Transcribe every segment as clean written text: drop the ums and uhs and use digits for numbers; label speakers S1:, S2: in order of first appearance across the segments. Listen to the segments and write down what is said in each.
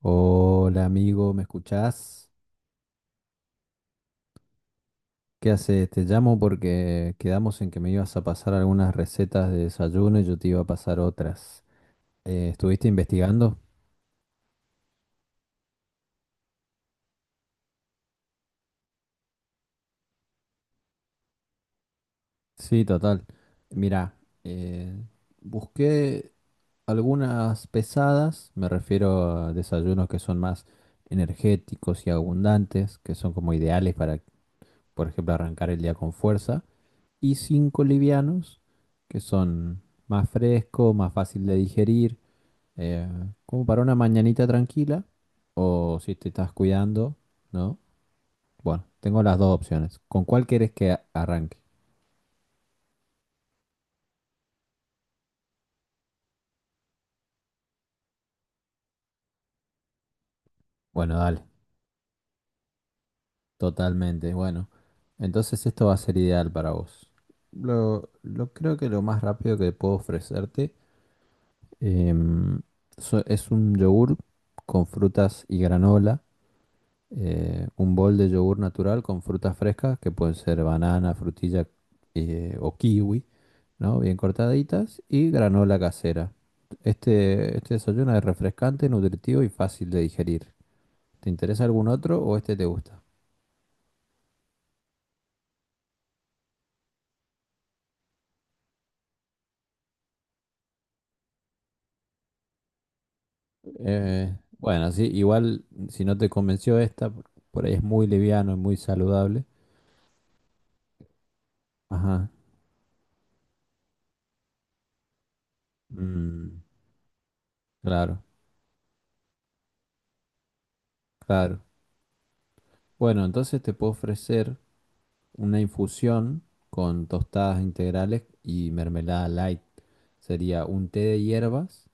S1: Hola amigo, ¿me escuchás? ¿Qué haces? Te llamo porque quedamos en que me ibas a pasar algunas recetas de desayuno y yo te iba a pasar otras. ¿Estuviste investigando? Sí, total. Mira, eh, busqué algunas pesadas, me refiero a desayunos que son más energéticos y abundantes, que son como ideales para, por ejemplo, arrancar el día con fuerza, y cinco livianos, que son más frescos, más fácil de digerir. Eh, Como para una mañanita tranquila o si te estás cuidando, ¿no? Bueno, tengo las dos opciones. ¿Con cuál quieres que arranque? Bueno, dale, totalmente. Bueno, entonces esto va a ser ideal para vos. Lo creo que lo más rápido que puedo ofrecerte em, es un yogur con frutas y granola, un bol de yogur natural con frutas frescas que pueden ser banana, frutilla o kiwi, ¿no? Bien cortaditas y granola casera. Este desayuno es refrescante, nutritivo y fácil de digerir. ¿Te interesa algún otro o este te gusta? Bueno, sí, igual si no te convenció esta, por ahí es muy liviano, es muy saludable. Ajá. Mm, claro, claro. Bueno, entonces te puedo ofrecer una infusión con tostadas integrales y mermelada light. Sería un té de hierbas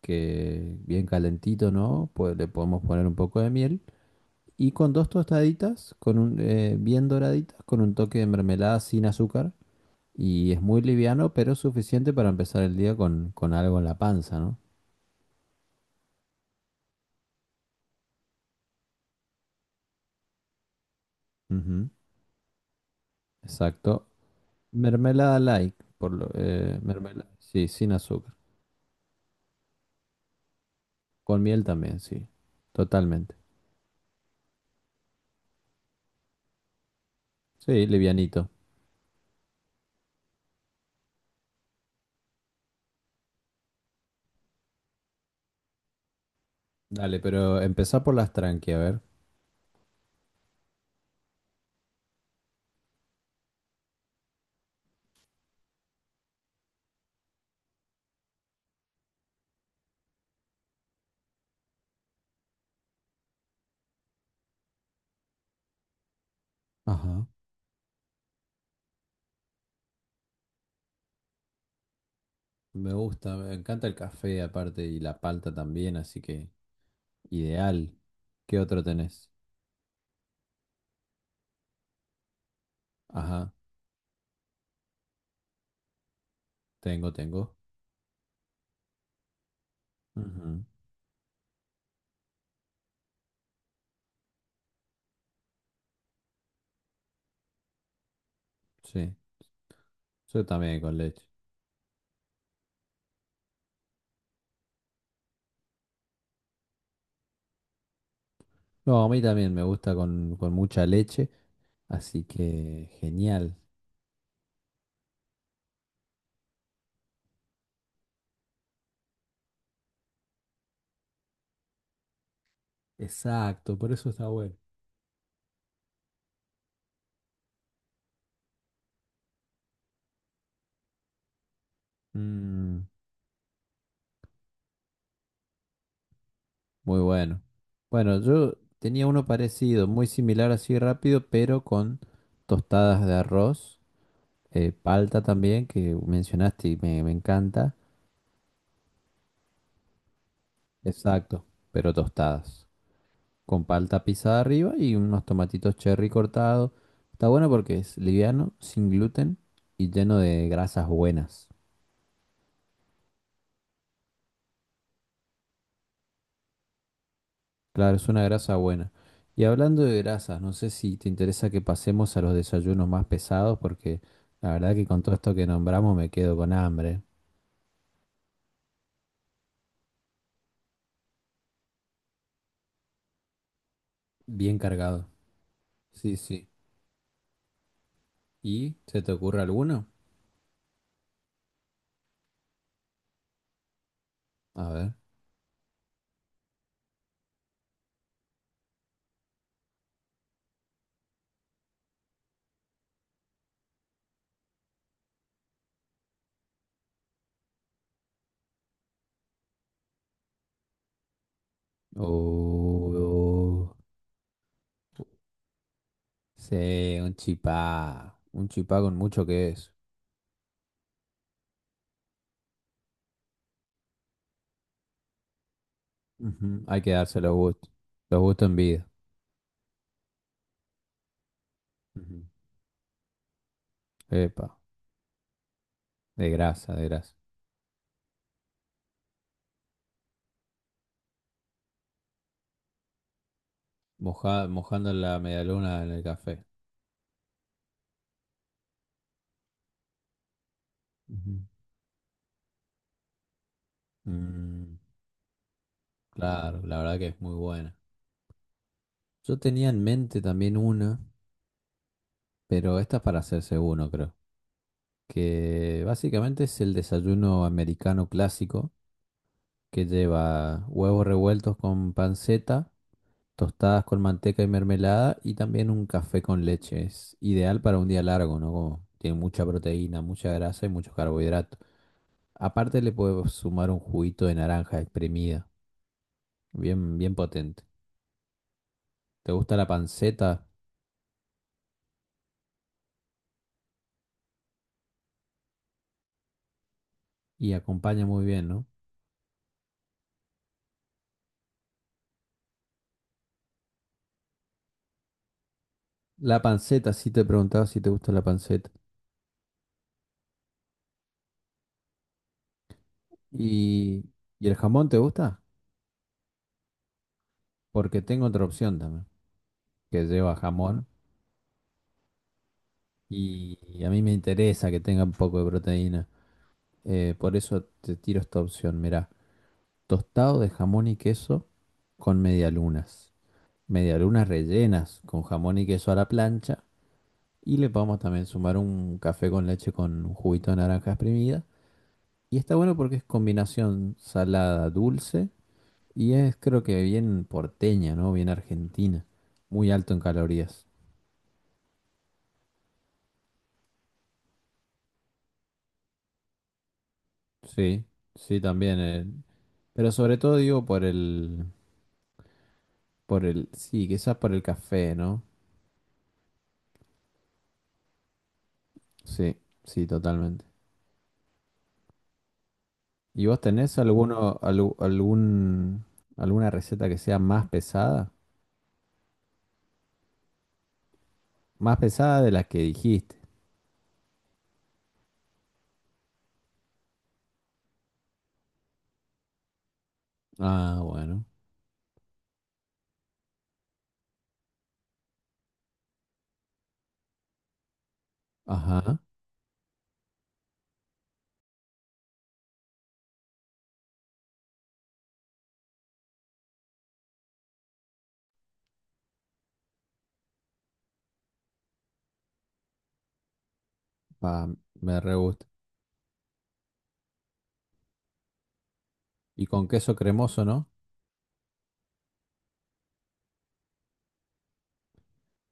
S1: que bien calentito, ¿no? Pues le podemos poner un poco de miel. Y con dos tostaditas, con bien doraditas, con un toque de mermelada sin azúcar. Y es muy liviano, pero suficiente para empezar el día con, algo en la panza, ¿no? Ujú. Exacto. Mermelada light, mermelada, sí, sin azúcar. Con miel también, sí. Totalmente. Sí, livianito. Dale, pero empezá por las tranqui, a ver. Ajá. Me gusta, me encanta el café aparte y la palta también, así que. Ideal. ¿Qué otro tenés? Ajá, tengo, tengo. Ujú. Sí, yo también con leche. No, a mí también me gusta con mucha leche, así que genial. Exacto, por eso está bueno. Mm, Muy bueno. Bueno, yo tenía uno parecido, muy similar así rápido, pero con tostadas de arroz, palta también, que mencionaste y me encanta. Exacto, pero tostadas, con palta pisada arriba y unos tomatitos cherry cortados. Está bueno porque es liviano, sin gluten y lleno de grasas buenas. Claro, es una grasa buena. Y hablando de grasas, no sé si te interesa que pasemos a los desayunos más pesados, porque la verdad que con todo esto que nombramos me quedo con hambre. Bien cargado. Sí, sí. ¿Y se te ocurre alguno? A ver. Oh, sí, un chipá. Un chipá con mucho que es. Ujú. Hay que darse los gustos. Los gustos en vida. Ujú. Epa, de grasa, de grasa. Mojando la medialuna en el café. Ujú. Mm, claro, la verdad que es muy buena. Yo tenía en mente también una, pero esta es para hacerse uno, creo. Que básicamente es el desayuno americano clásico, que lleva huevos revueltos con panceta. Tostadas con manteca y mermelada y también un café con leche. Es ideal para un día largo, ¿no? Como tiene mucha proteína, mucha grasa y mucho carbohidrato. Aparte le puedo sumar un juguito de naranja exprimida, bien, bien potente. ¿Te gusta la panceta? Y acompaña muy bien, ¿no? La panceta, sí te preguntaba si te gusta la panceta. ¿Y, y el jamón te gusta? Porque tengo otra opción también, que lleva jamón y a mí me interesa que tenga un poco de proteína. Por eso te tiro esta opción, mirá. Tostado de jamón y queso con medialunas. Medialunas rellenas con jamón y queso a la plancha. Y le podemos también sumar un café con leche con un juguito de naranja exprimida. Y está bueno porque es combinación salada, dulce. Y es creo que bien porteña, ¿no? Bien argentina. Muy alto en calorías. Sí, sí, también. Pero sobre todo digo por el. Por el. Sí, quizás por el café, ¿no? Sí, sí, totalmente. ¿Y vos tenés alguno, algún, alguna receta que sea más pesada? Más pesada de la que dijiste. Ah, bueno. Ajá. Pa, me re gusta. Y con queso cremoso, ¿no?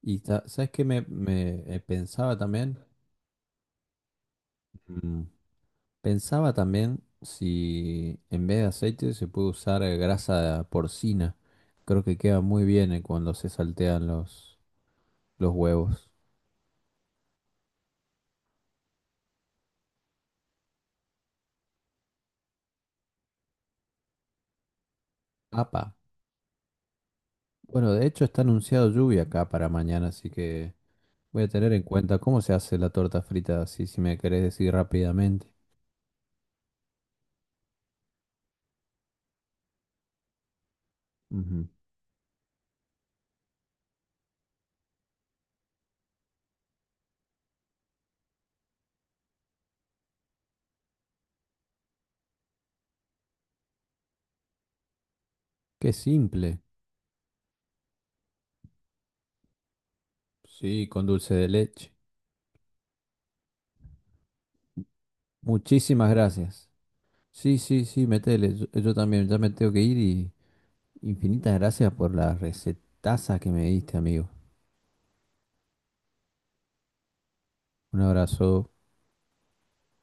S1: ¿Sabes qué me pensaba también? Mm, Pensaba también si en vez de aceite se puede usar grasa porcina. Creo que queda muy bien cuando se saltean los, huevos. Apa. Bueno, de hecho está anunciado lluvia acá para mañana, así que. Voy a tener en cuenta cómo se hace la torta frita, así si me querés decir rápidamente. Ujú. Qué simple. Sí, con dulce de leche. Muchísimas gracias. Sí, sí, sí, metele. Yo también ya me tengo que ir y infinitas gracias por la recetaza que me diste, amigo. Un abrazo.